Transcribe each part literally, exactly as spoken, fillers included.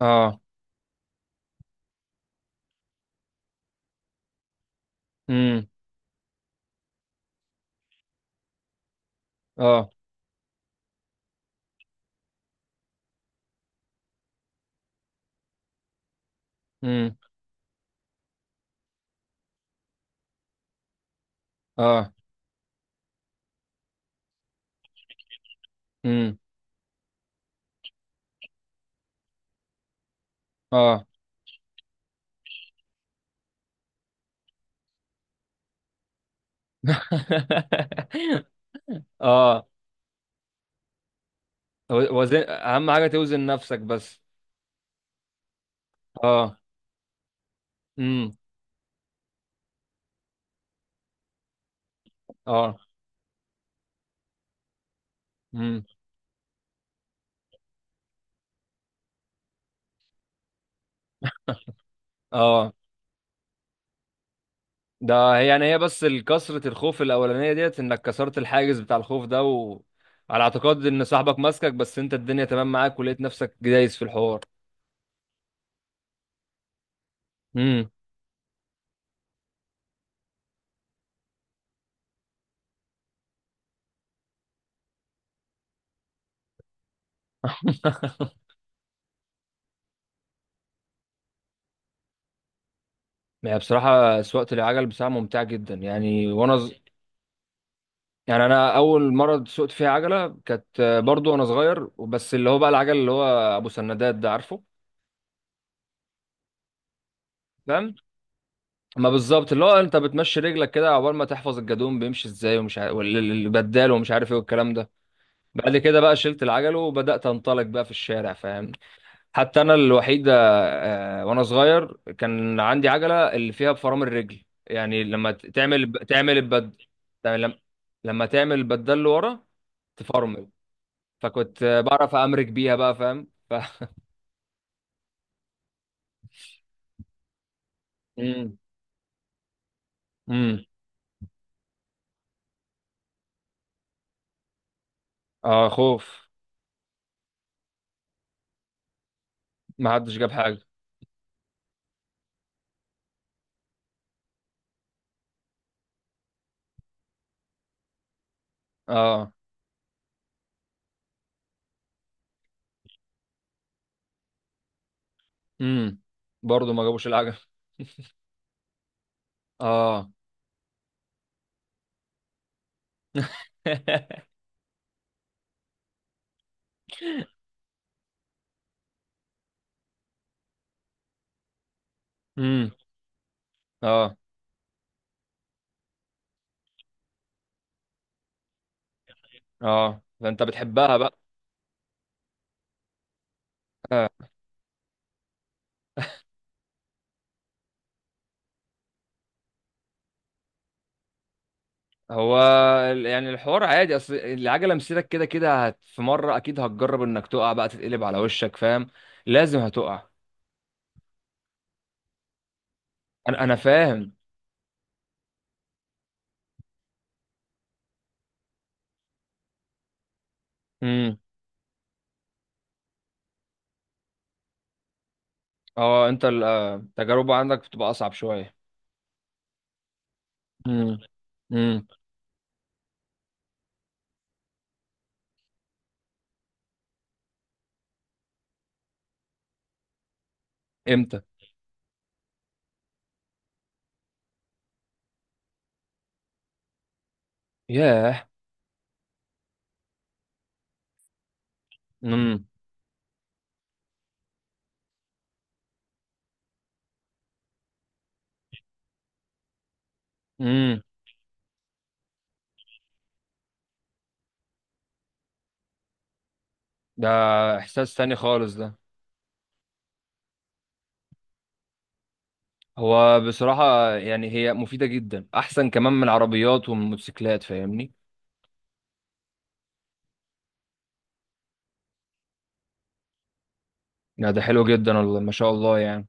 اه. امم. اه. امم. اه. امم. اه. اه. و- وزن اهم حاجه توزن نفسك بس. اه. امم. اه. امم. اه. ده هي يعني هي بس كسرة الخوف الاولانيه ديت، انك كسرت الحاجز بتاع الخوف ده وعلى اعتقاد ان صاحبك ماسكك، بس انت الدنيا تمام معاك ولقيت نفسك دايس في الحوار. امم. هي بصراحه سواقه العجل بصراحه ممتعه جدا، يعني وانا يعني انا اول مره سوقت فيها عجله كانت آه، برضو وانا صغير، وبس اللي هو بقى العجل اللي هو ابو سندات ده، عارفه؟ فاهم. ما بالظبط اللي هو انت بتمشي رجلك كده عقبال ما تحفظ الجدون بيمشي ازاي ومش عارف، والبدال ومش عارف ايه والكلام ده. بعد كده بقى شلت العجل وبدات انطلق بقى في الشارع، فاهم؟ حتى انا الوحيد آه، وانا صغير كان عندي عجله اللي فيها بفرامل الرجل، يعني لما ت- تعمل تعمل البد، لما لما تعمل البدال لورا تفرمل. فكنت بعرف امرك بيها بقى، فاهم؟ ف. امم. امم. اه. خوف. ما حدش جاب حاجه. اه. امم. برضه ما جابوش العجل. اه. امم. اه. اه فانت بتحبها بقى. آه. هو ال- يعني الحوار عادي، اصل العجله مسيرك كده كده هت، في مره اكيد هتجرب انك تقع بقى تتقلب على وشك، فاهم؟ لازم هتقع. انا انا فاهم. امم. اه انت ال- آه، التجربه عندك بتبقى اصعب شويه. امم. امم. امتى؟ ياه. امم. امم. ده احساس تاني خالص ده. هو بصراحة يعني هي مفيدة جدا احسن كمان من العربيات والموتوسيكلات، فاهمني؟ لا ده حلو جدا والله ما شاء الله يعني.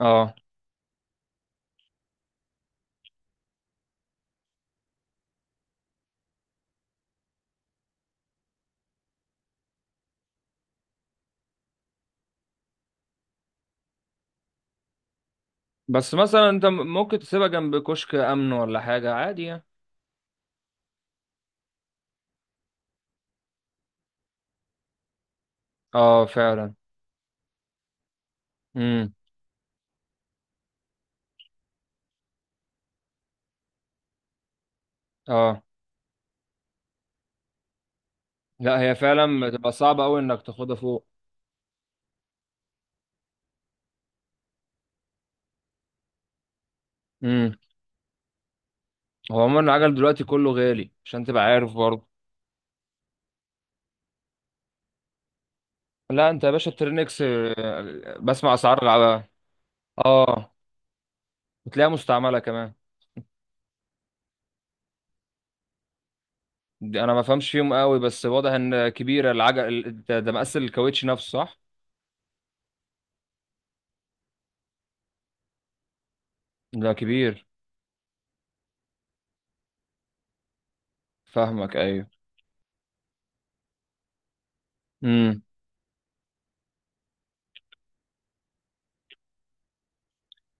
اه بس مثلا انت م- ممكن تسيبها جنب كشك امن ولا حاجة عادي يعني. اه فعلا. امم. اه لا هي فعلا بتبقى صعبة قوي انك تاخدها فوق. امم. هو عموما العجل دلوقتي كله غالي عشان تبقى عارف برضه. لا انت يا باشا الترينكس آه، بسمع اسعار الع- اه. وتلاقيها مستعملة كمان. دي انا ما فهمش فيهم قوي بس واضح ان كبيره، العجل ال- ده, ده مقاس الكاوتش نفسه، صح؟ ده كبير. فاهمك، ايوه. امم.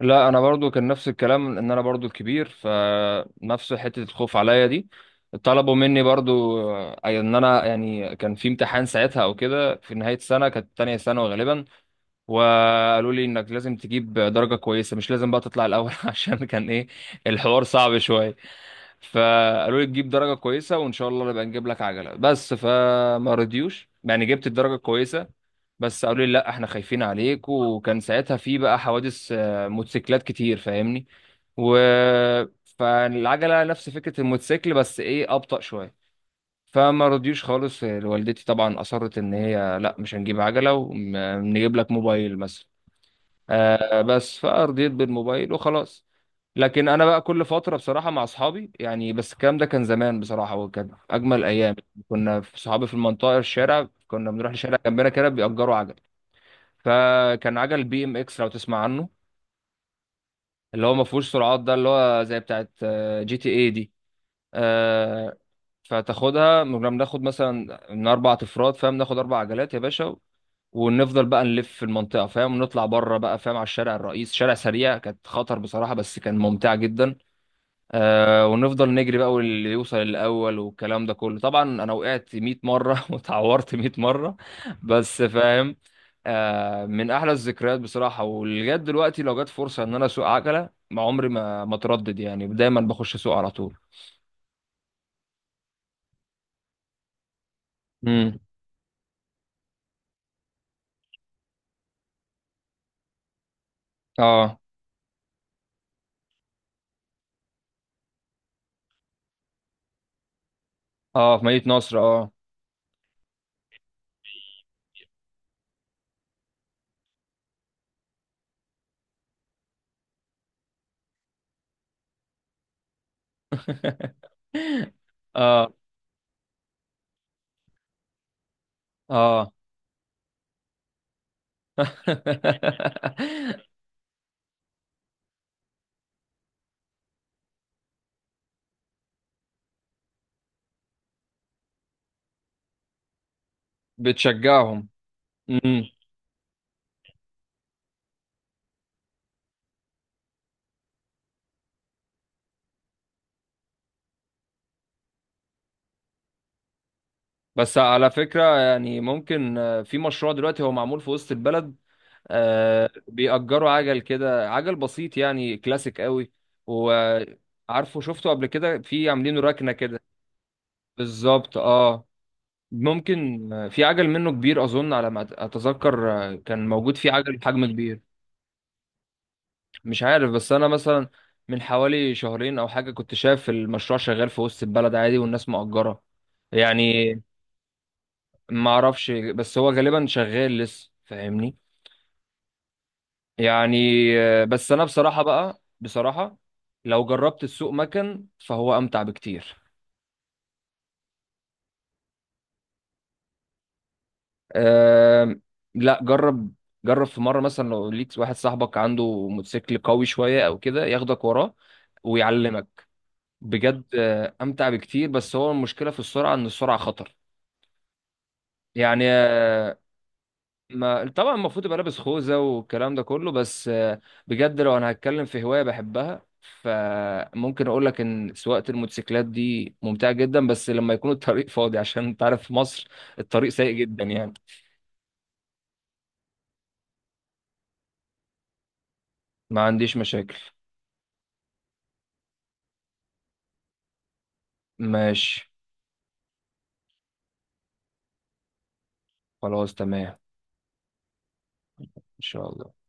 لا انا برضو كان نفس الكلام، ان انا برضو الكبير فنفس حته الخوف عليا دي. طلبوا مني برضو آه، ان انا يعني كان في امتحان ساعتها او كده، في نهايه السنه كانت تانية ثانوي غالبا. وقالوا لي انك لازم تجيب درجه كويسه، مش لازم بقى تطلع الاول عشان كان ايه الحوار صعب شويه. فقالوا لي تجيب درجة كويسة وإن شاء الله نبقى نجيب لك عجلة، بس فما رضيوش يعني. جبت الدرجة كويسة بس قالوا لي لا احنا خايفين عليك، وكان ساعتها في بقى حوادث آه، موتوسيكلات كتير فاهمني. و فالعجلة نفس فكرة الموتوسيكل بس ايه أبطأ شوية. فما رضيوش خالص، والدتي طبعا أصرت إن هي لا مش هنجيب عجلة، ونجيب لك موبايل مثلا. آه بس فرضيت بالموبايل وخلاص. لكن انا بقى كل فتره بصراحه مع اصحابي يعني، بس الكلام ده كان زمان بصراحه وكان اجمل ايام. كنا في صحابي في المنطقه الشارع، كنا بنروح لشارع جنبنا كده بيأجروا عجل. فكان عجل بي ام اكس لو تسمع عنه، اللي هو ما فيهوش سرعات، ده اللي هو زي بتاعت جي تي اي دي آه، فتاخدها. كنا بناخد مثلا من اربع افراد، فاهم؟ ناخد اربع عجلات يا باشا، ونفضل بقى نلف في المنطقه، فاهم؟ ونطلع بره بقى، فاهم؟ على الشارع الرئيس، شارع سريع، كانت خطر بصراحه بس كان ممتع جدا. آه ونفضل نجري بقى واللي يوصل الاول والكلام ده كله. طبعا انا وقعت مية مره وتعورت مية مره. بس فاهم؟ آه من احلى الذكريات بصراحه، ولغايه دلوقتي لو جت فرصه ان انا اسوق عجله ما عمري ما ما اتردد، يعني دايما بخش اسوق على طول. امم. اه. اه في مدينه نصر، اه. اه. اه. بتشجعهم. امم. بس على فكرة يعني ممكن آه، في مشروع دلوقتي هو معمول في وسط البلد. آه بيأجروا عجل كده، عجل بسيط يعني كلاسيك قوي. وعارفه شفته قبل كده، في عاملينه ركنة كده. بالظبط اه. ممكن آه، في عجل منه كبير اظن، على ما أت- اتذكر آه، كان موجود في عجل بحجم كبير. مش عارف، بس انا مثلا من حوالي شهرين او حاجة كنت شايف المشروع شغال في وسط البلد عادي، والناس مأجرة يعني. ما اعرفش بس هو غالبا شغال لسه، فاهمني؟ يعني آه، بس انا بصراحه بقى بصراحه لو جربت السوق مكن فهو امتع بكتير. أم. لا جرب، جرب في مره مثلا لو ليك واحد صاحبك عنده موتوسيكل قوي شويه او كده ياخدك وراه ويعلمك. بجد آه، امتع بكتير، بس هو المشكله في السرعه ان السرعه خطر يعني آه، ما طبعا. المفروض يبقى لابس خوذة والكلام ده كله، بس آه، بجد لو انا هتكلم في هواية بحبها فممكن اقول لك ان سواقة الموتوسيكلات دي ممتعة جدا، بس لما يكون الطريق فاضي عشان انت عارف في مصر الطريق سيء جدا يعني. ما عنديش مشاكل. ماشي خلاص تمام. ان شاء الله.